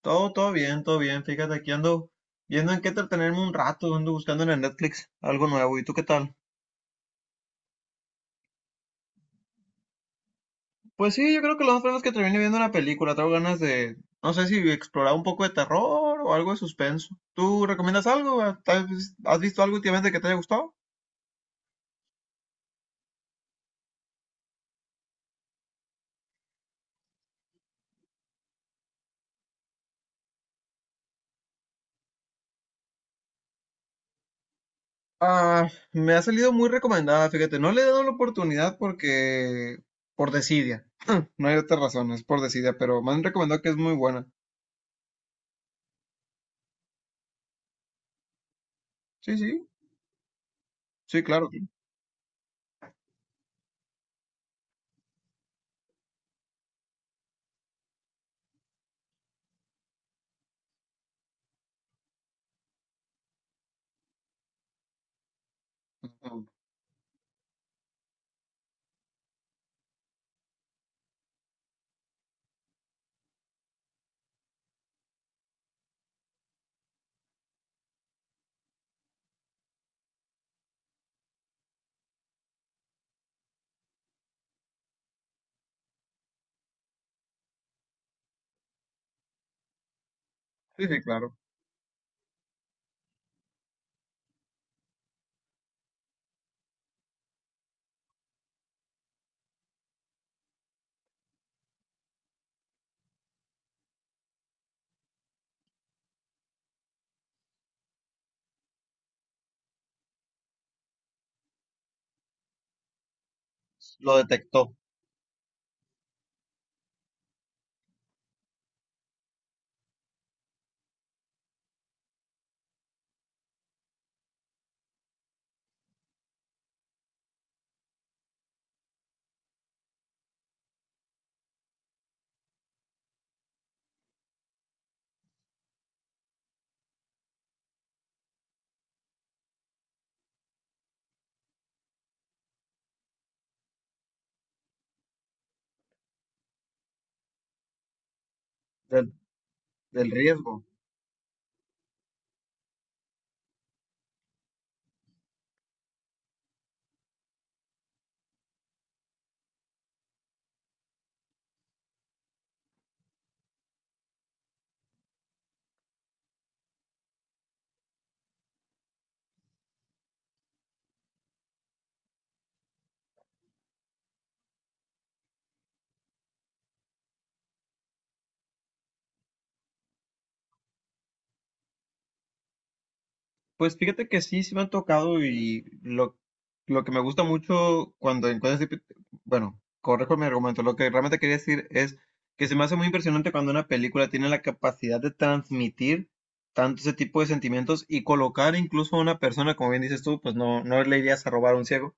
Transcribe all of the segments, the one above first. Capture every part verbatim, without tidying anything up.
Todo, todo bien, todo bien. Fíjate, aquí ando viendo en qué entretenerme un rato, ando buscando en el Netflix algo nuevo. ¿Y tú qué tal? Pues sí, yo creo que lo más probable es que termine viendo una película. Tengo ganas de, no sé si explorar un poco de terror o algo de suspenso. ¿Tú recomiendas algo? ¿Tal vez ¿Has visto algo últimamente que te haya gustado? Ah, me ha salido muy recomendada, fíjate. No le he dado la oportunidad porque, por desidia. No hay otra razón, es por desidia, pero me han recomendado que es muy buena. Sí, sí, sí, claro. Sí, sí, claro. Lo detectó. Del riesgo. Pues fíjate que sí, sí me han tocado y lo, lo que me gusta mucho cuando encuentras, este tipo- bueno, correjo mi argumento, lo que realmente quería decir es que se me hace muy impresionante cuando una película tiene la capacidad de transmitir tanto ese tipo de sentimientos y colocar incluso a una persona, como bien dices tú, pues no, no le irías a robar a un ciego,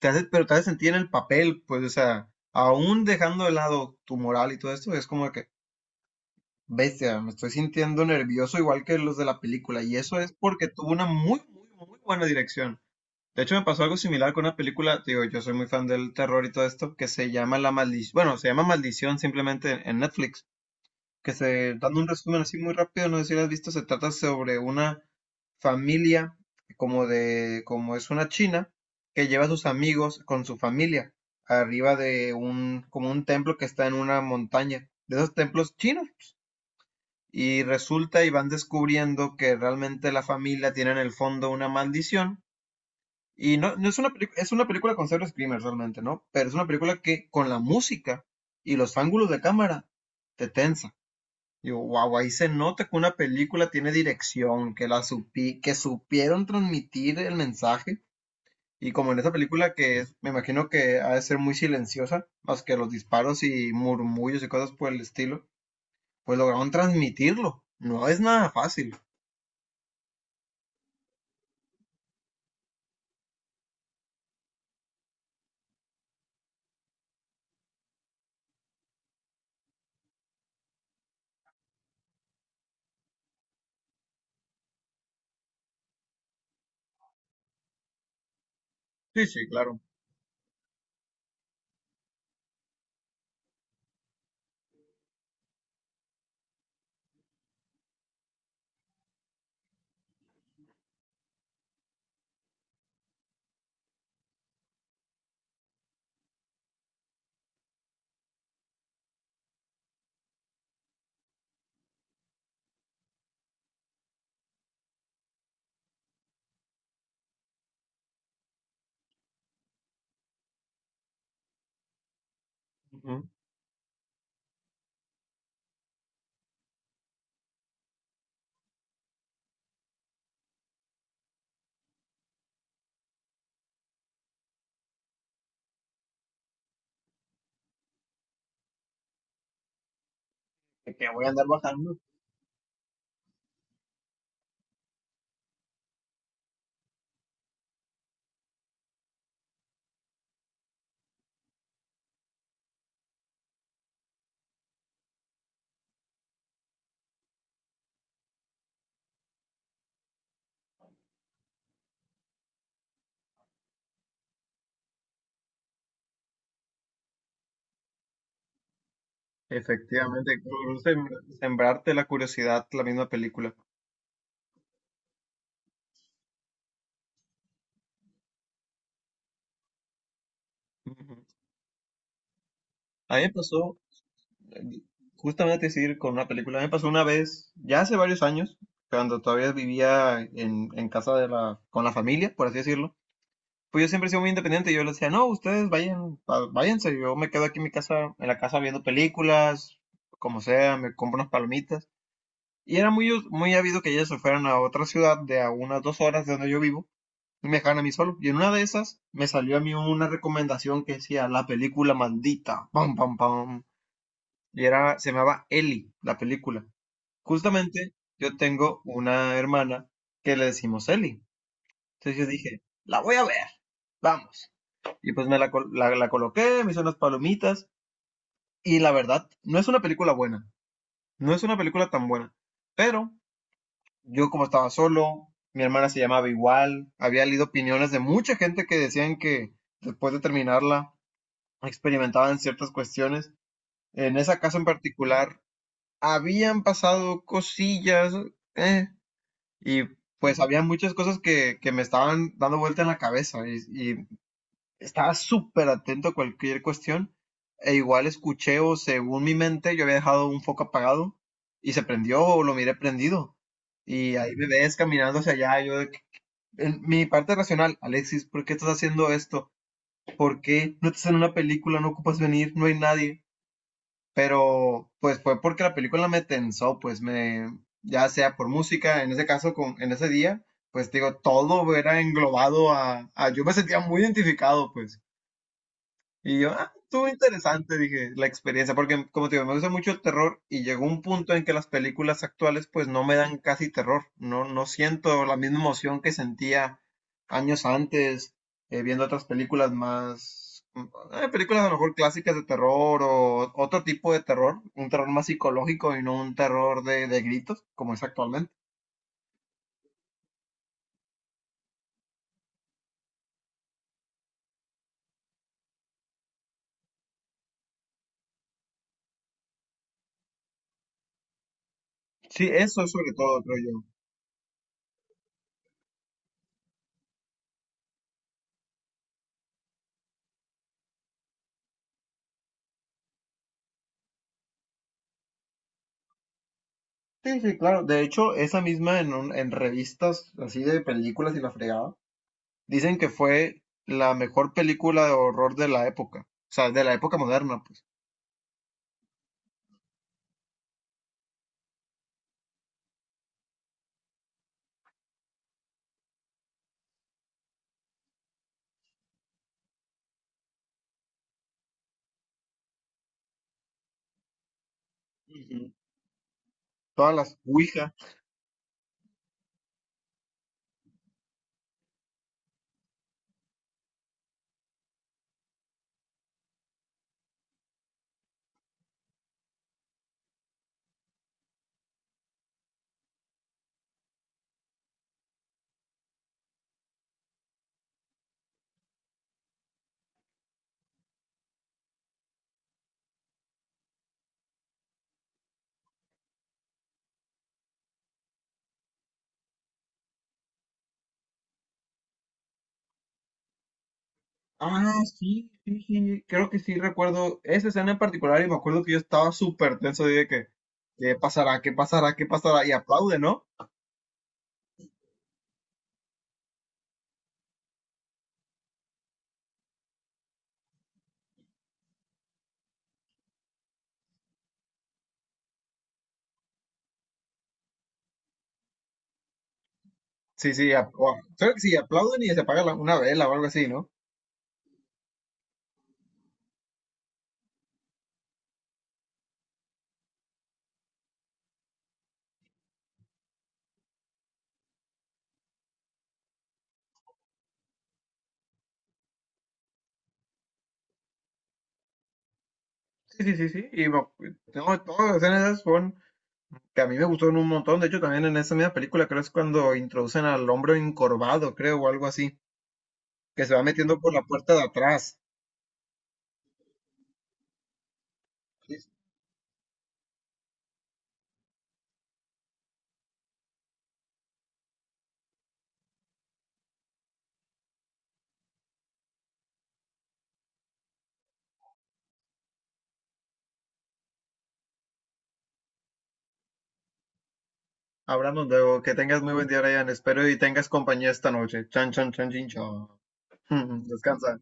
te hace, pero te hace sentir en el papel, pues, o sea, aún dejando de lado tu moral y todo esto, es como que, bestia, me estoy sintiendo nervioso igual que los de la película, y eso es porque tuvo una muy, muy, muy buena dirección. De hecho, me pasó algo similar con una película, te digo, yo soy muy fan del terror y todo esto, que se llama La Maldición, bueno, se llama Maldición simplemente en en Netflix, que se, dando un resumen así muy rápido, no sé si lo has visto, se trata sobre una familia, como de, como es una china, que lleva a sus amigos con su familia, arriba de un, como un templo que está en una montaña, de esos templos chinos, y resulta y van descubriendo que realmente la familia tiene en el fondo una maldición. Y no, no es una, pelic- es una película con cero screamers realmente, ¿no? Pero es una película que con la música y los ángulos de cámara te tensa. Yo, wow, ahí se nota que una película tiene dirección, que la supi, que supieron transmitir el mensaje. Y como en esa película que es, me imagino que ha de ser muy silenciosa, más que los disparos y murmullos y cosas por el estilo, pues lograron transmitirlo. No es nada fácil. Sí, sí, claro. Ujú. que que voy a andar bajando. Efectivamente, por sem- sembrarte la curiosidad, la misma película. Ujú. A mí me pasó, eh, justamente decir con una película, a mí me pasó una vez, ya hace varios años, cuando todavía vivía en, en casa de la, con la familia, por así decirlo. Pues yo siempre he sido muy independiente, yo les decía, no, ustedes vayan, va- váyanse, yo me quedo aquí en mi casa, en la casa viendo películas, como sea, me compro unas palomitas. Y era muy, us- muy habido que ellas se fueran a otra ciudad de a unas dos horas de donde yo vivo y me dejaran a mí solo. Y en una de esas me salió a mí una recomendación que decía la película maldita. Pam, pam, pam. Y era, se llamaba Ellie, la película. Justamente yo tengo una hermana que le decimos Ellie. Entonces yo dije, la voy a ver. Vamos. Y pues me la, col- la, la coloqué, me hice unas palomitas. Y la verdad, no es una película buena. No es una película tan buena. Pero yo, como estaba solo, mi hermana se llamaba igual, había leído opiniones de mucha gente que decían que después de terminarla experimentaban ciertas cuestiones. En esa casa en particular habían pasado cosillas, eh, y pues había muchas cosas que, que me estaban dando vuelta en la cabeza, y, y estaba súper atento a cualquier cuestión. E igual escuché o según mi mente yo había dejado un foco apagado y se prendió o lo miré prendido. Y ahí me ves caminando hacia allá, yo de en mi parte racional, Alexis, ¿por qué estás haciendo esto? ¿Por qué no estás en una película? No ocupas venir, no hay nadie. Pero pues fue porque la película me tensó, pues me, ya sea por música, en ese caso, con, en ese día, pues te digo, todo era englobado a, a, yo me sentía muy identificado, pues. Y yo, ah, estuvo interesante, dije, la experiencia, porque como te digo, me gusta mucho el terror y llegó un punto en que las películas actuales pues no me dan casi terror, no, no siento la misma emoción que sentía años antes, eh, viendo otras películas más, mm, eh, películas a lo mejor clásicas de terror o otro tipo de terror, un terror más psicológico y no un terror de, de gritos como es actualmente. Sí, eso sobre todo, creo yo. Sí, sí, claro. De hecho, esa misma en, un- en revistas así de películas y la fregada. Dicen que fue la mejor película de horror de la época, o sea, de la época moderna, pues. Ujú. Todas las Ouija. Ah, sí, sí, sí, creo que sí recuerdo esa escena en particular y me acuerdo que yo estaba súper tenso y de que, ¿qué pasará? ¿Qué pasará? ¿Qué pasará? Y aplaude, ¿no? Sí, sí, ap- o- creo que sí, aplauden y se apaga la- una vela o algo así, ¿no? Sí, sí, sí, sí, y me no, todas las escenas esas fueron que a mí me gustaron un montón. De hecho, también en esa misma película creo es cuando introducen al hombre encorvado, creo, o algo así. Que se va metiendo por la puerta de atrás. Hablamos luego, que tengas muy buen día, Ryan. Espero y tengas compañía esta noche. Chan, chan, chan, chin, chan. Descansa.